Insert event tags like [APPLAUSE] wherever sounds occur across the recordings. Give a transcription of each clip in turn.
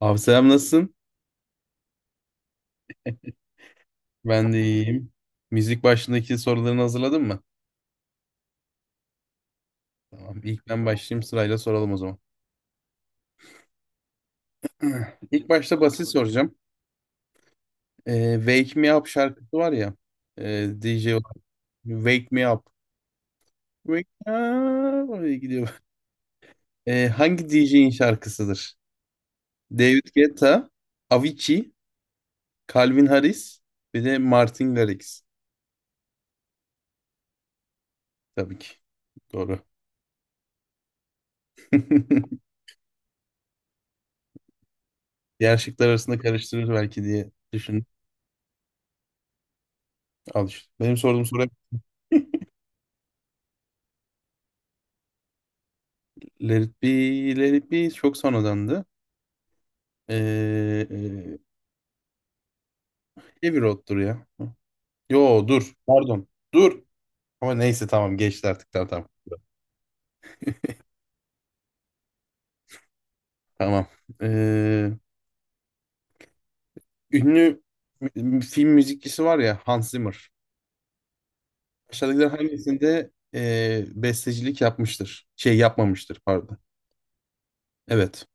Abi selam nasılsın? Ben de iyiyim. Müzik başındaki sorularını hazırladın mı? Tamam. İlk ben başlayayım, sırayla soralım o zaman. [CLEARS THROAT] İlk başta basit soracağım. Wake Me Up şarkısı var ya. DJ olarak. Wake Me Up. Wake Me Up. Öyle gidiyor. Hangi DJ'in şarkısıdır? David Guetta, Avicii, Calvin Harris ve de Martin Garrix. Tabii ki. Doğru. [LAUGHS] Diğer şıklar arasında karıştırır belki diye düşündüm. Al işte, benim sorduğum soru Let It Be, Let It Be çok sonradandı. Ee, e, Heavy Road'dur ya. Yo, dur. Pardon. Dur. Ama neyse, tamam, geçti artık, tamam tamam. Tamam. Ee, ünlü film müzikçisi var ya, Hans Zimmer. Aşağıdakilerin hangisinde bestecilik yapmıştır? Şey, yapmamıştır, pardon. Evet.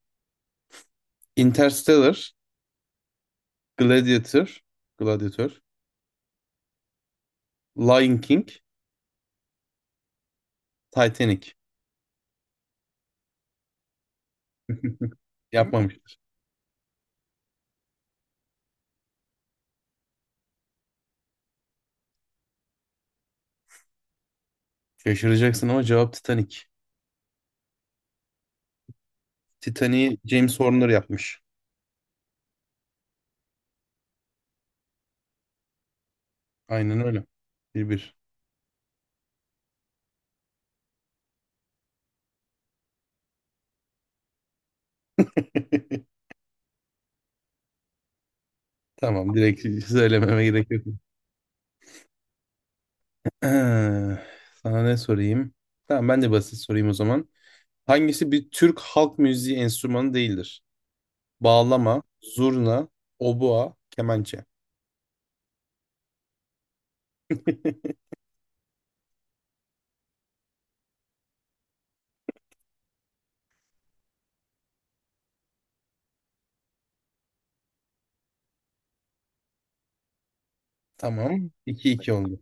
Interstellar, Gladiator, Gladiator, Lion King, Titanic. Hmm. Yapmamıştır. Şaşıracaksın ama cevap Titanic. Titanic'i James Horner yapmış. Aynen öyle. 1-1. [LAUGHS] Tamam, direkt söylememe gerek yok. Eee, Sana ne sorayım? Tamam, ben de basit sorayım o zaman. Hangisi bir Türk halk müziği enstrümanı değildir? Bağlama, zurna, obua, kemençe. [LAUGHS] Tamam. 2-2 oldu.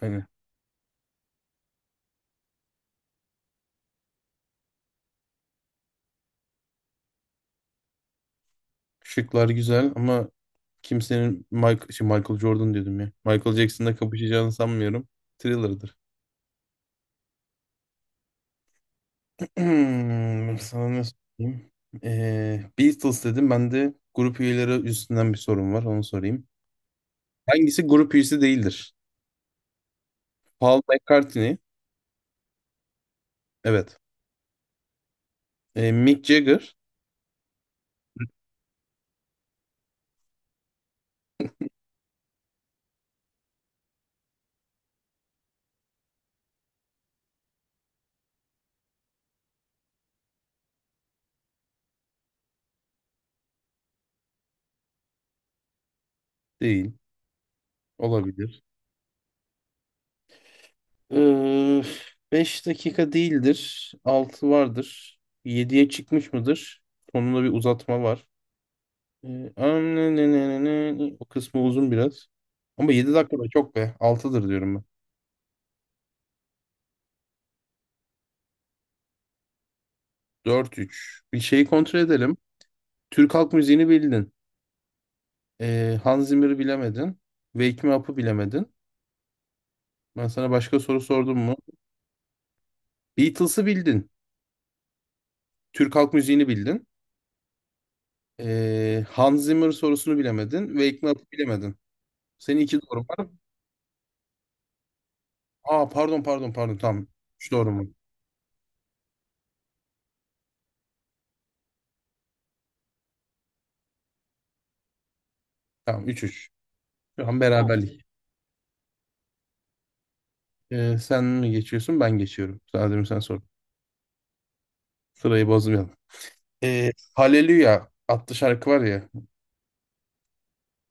Aynen. Şıklar güzel ama kimsenin Michael, Michael Jordan diyordum ya, Michael Jackson'la kapışacağını sanmıyorum. Thriller'dır. Sana ne sorayım? Beatles dedim. Ben de grup üyeleri üstünden bir sorum var. Onu sorayım. Hangisi grup üyesi değildir? Paul McCartney. Evet. Mick Jagger. Değil. Olabilir. Ee, 5 dakika değildir. 6 vardır. Yediye çıkmış mıdır? Sonunda bir uzatma var. Ee, o kısmı uzun biraz. Ama 7 dakika da çok be. Altıdır diyorum ben. 4-3. Bir şeyi kontrol edelim. Türk halk müziğini bildin. Hans Zimmer'ı bilemedin. Wake Me Up'ı bilemedin. Ben sana başka soru sordum mu? Beatles'ı bildin. Türk halk müziğini bildin. Hans Zimmer sorusunu bilemedin. Wake Me Up'ı bilemedin. Senin iki doğru var. Pardon pardon pardon, tamam. Üç doğru mu? Tamam, 3-3. Şu an tamam, beraberlik. Sen mi geçiyorsun, ben geçiyorum. Sadece sen sor. Sırayı bozmayalım. Hallelujah adlı şarkı var ya.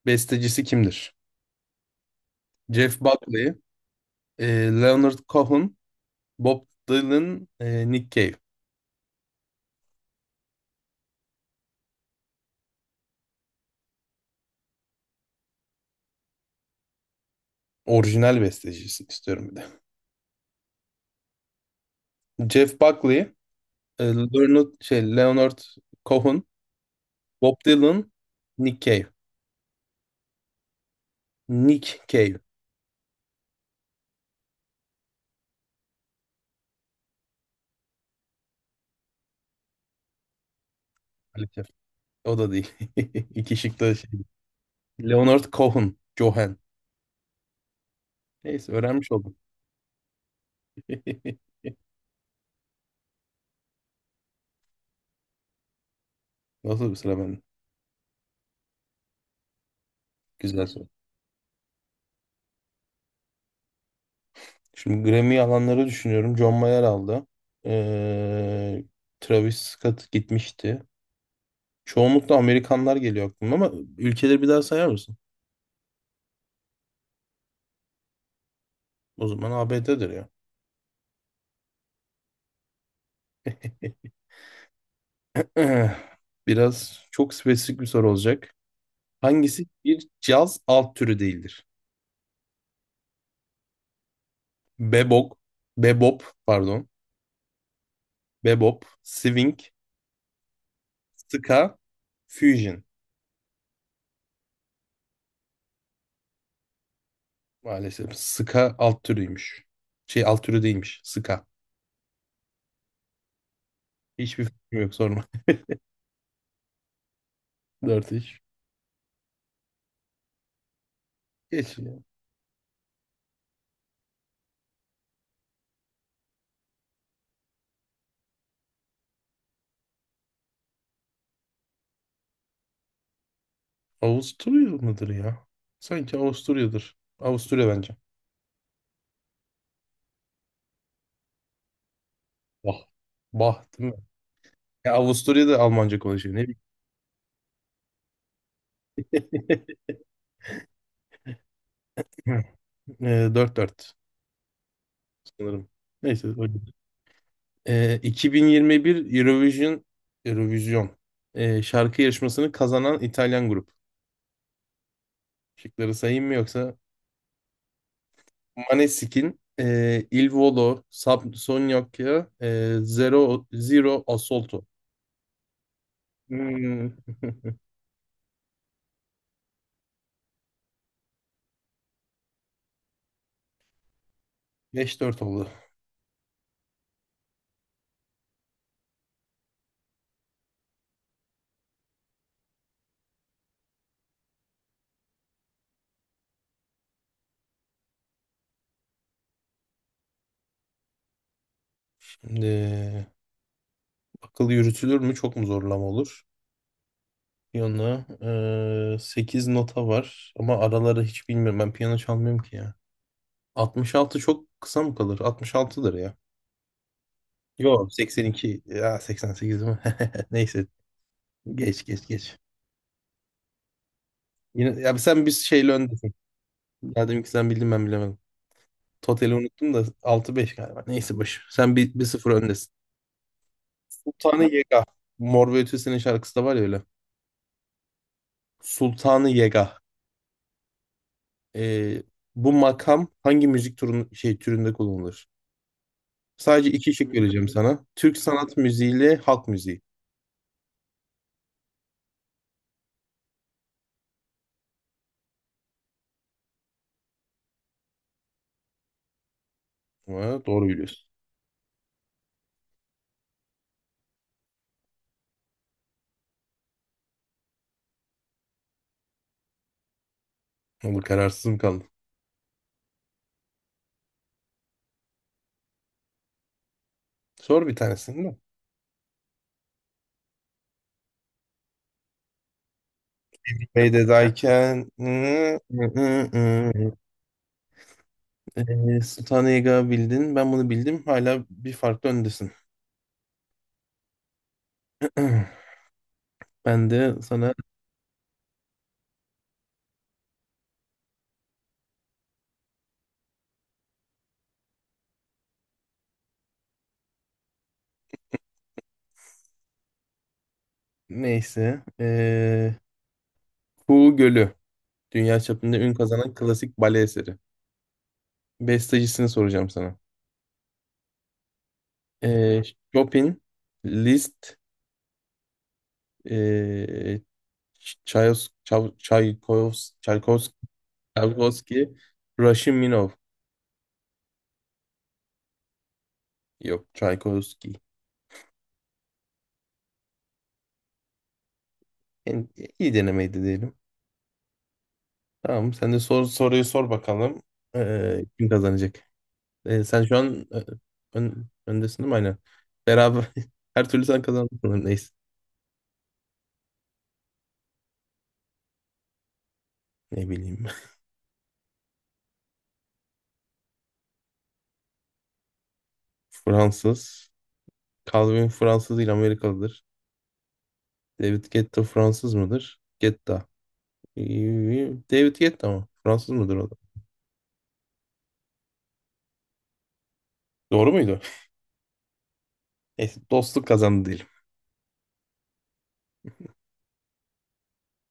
Bestecisi kimdir? Jeff Buckley, e, Leonard Cohen, Bob Dylan, Nick Cave. Orijinal bestecisi istiyorum bir de. Jeff Buckley, Leonard Cohen, Bob Dylan, Nick Cave. Nick Cave. Maalesef. O da değil. [LAUGHS] İki şık da şey. Leonard Cohen, Cohen. Neyse, öğrenmiş oldum. [LAUGHS] Nasıl bir sıra benim? Güzel soru. Şimdi Grammy alanları düşünüyorum. John Mayer aldı. Ee, Travis Scott gitmişti. Çoğunlukla Amerikanlar geliyor aklıma ama ülkeleri bir daha sayar mısın? O zaman ABD'dir ya. [CLEARS THROAT] [LAUGHS] Biraz çok spesifik bir soru olacak. Hangisi bir caz alt türü değildir? Bebop, bebop pardon, bebop, swing, ska, fusion. Maalesef ska alt türüymüş. Şey, alt türü değilmiş, ska. Hiçbir fikrim yok, sorma. [LAUGHS] Dört iş. Geç ya. Avusturya mıdır ya? Sanki Avusturya'dır. Avusturya bence. Bah. Bah değil mi? Ya, Avusturya'da Almanca konuşuyor. Ne bileyim. [LAUGHS] Dört 4 sanırım. Neyse, öyle. 2021 Eurovision şarkı yarışmasını kazanan İtalyan grup. Şıkları sayayım mı yoksa? Maneskin, Il Volo, Subsonica, Zero, Zero Assolto. Hmm. [LAUGHS] 5-4 oldu. Şimdi akıl yürütülür mü? Çok mu zorlama olur? Piyano. 8 nota var ama araları hiç bilmiyorum. Ben piyano çalmıyorum ki ya. 66 çok kısa mı kalır? 66'dır ya. Yok, 82 ya 88 mi? [LAUGHS] Neyse, geç geç geç. Yine, ya sen bir şeyle öndesin. Ya, dedim ki sen bildin ben bilemedim. Totali unuttum da 6-5 galiba. Neyse, boş. Sen 1-0 öndesin. Sultanı Yega. Mor ve Ötesi'nin şarkısı da var ya öyle. Sultanı Yega. Ee, bu makam hangi müzik türünde kullanılır? Sadece iki şık vereceğim sana. Türk sanat müziği ile halk müziği. Ha, doğru biliyorsun. Ama kararsız mı kaldın? Sor bir tanesini, değil mi? Beydedayken Sultanega bildin. Ben bunu bildim. Hala bir farklı öndesin. [CLEARS THROAT] Ben de sana, neyse, Kuğu Gölü. Dünya çapında ün kazanan klasik bale eseri. Bestecisini soracağım sana. Eee Chopin, Liszt, eee Çayos, Çav, Çaykos, Çaykos, Çaykovski, Raşiminov. Yok, Çaykovski. Yani iyi denemeydi diyelim. Tamam. Sen de sor, soruyu sor bakalım. Kim kazanacak? Sen şu an öndesin değil mi? Aynen. Beraber [LAUGHS] her türlü sen kazandın sanırım. Neyse. Ne bileyim. [LAUGHS] Fransız. Calvin Fransız değil, Amerikalıdır. David Guetta Fransız mıdır? Guetta. Ee, David Guetta mı? Fransız mıdır o da? Doğru muydu? [LAUGHS] Neyse, dostluk kazandı diyelim.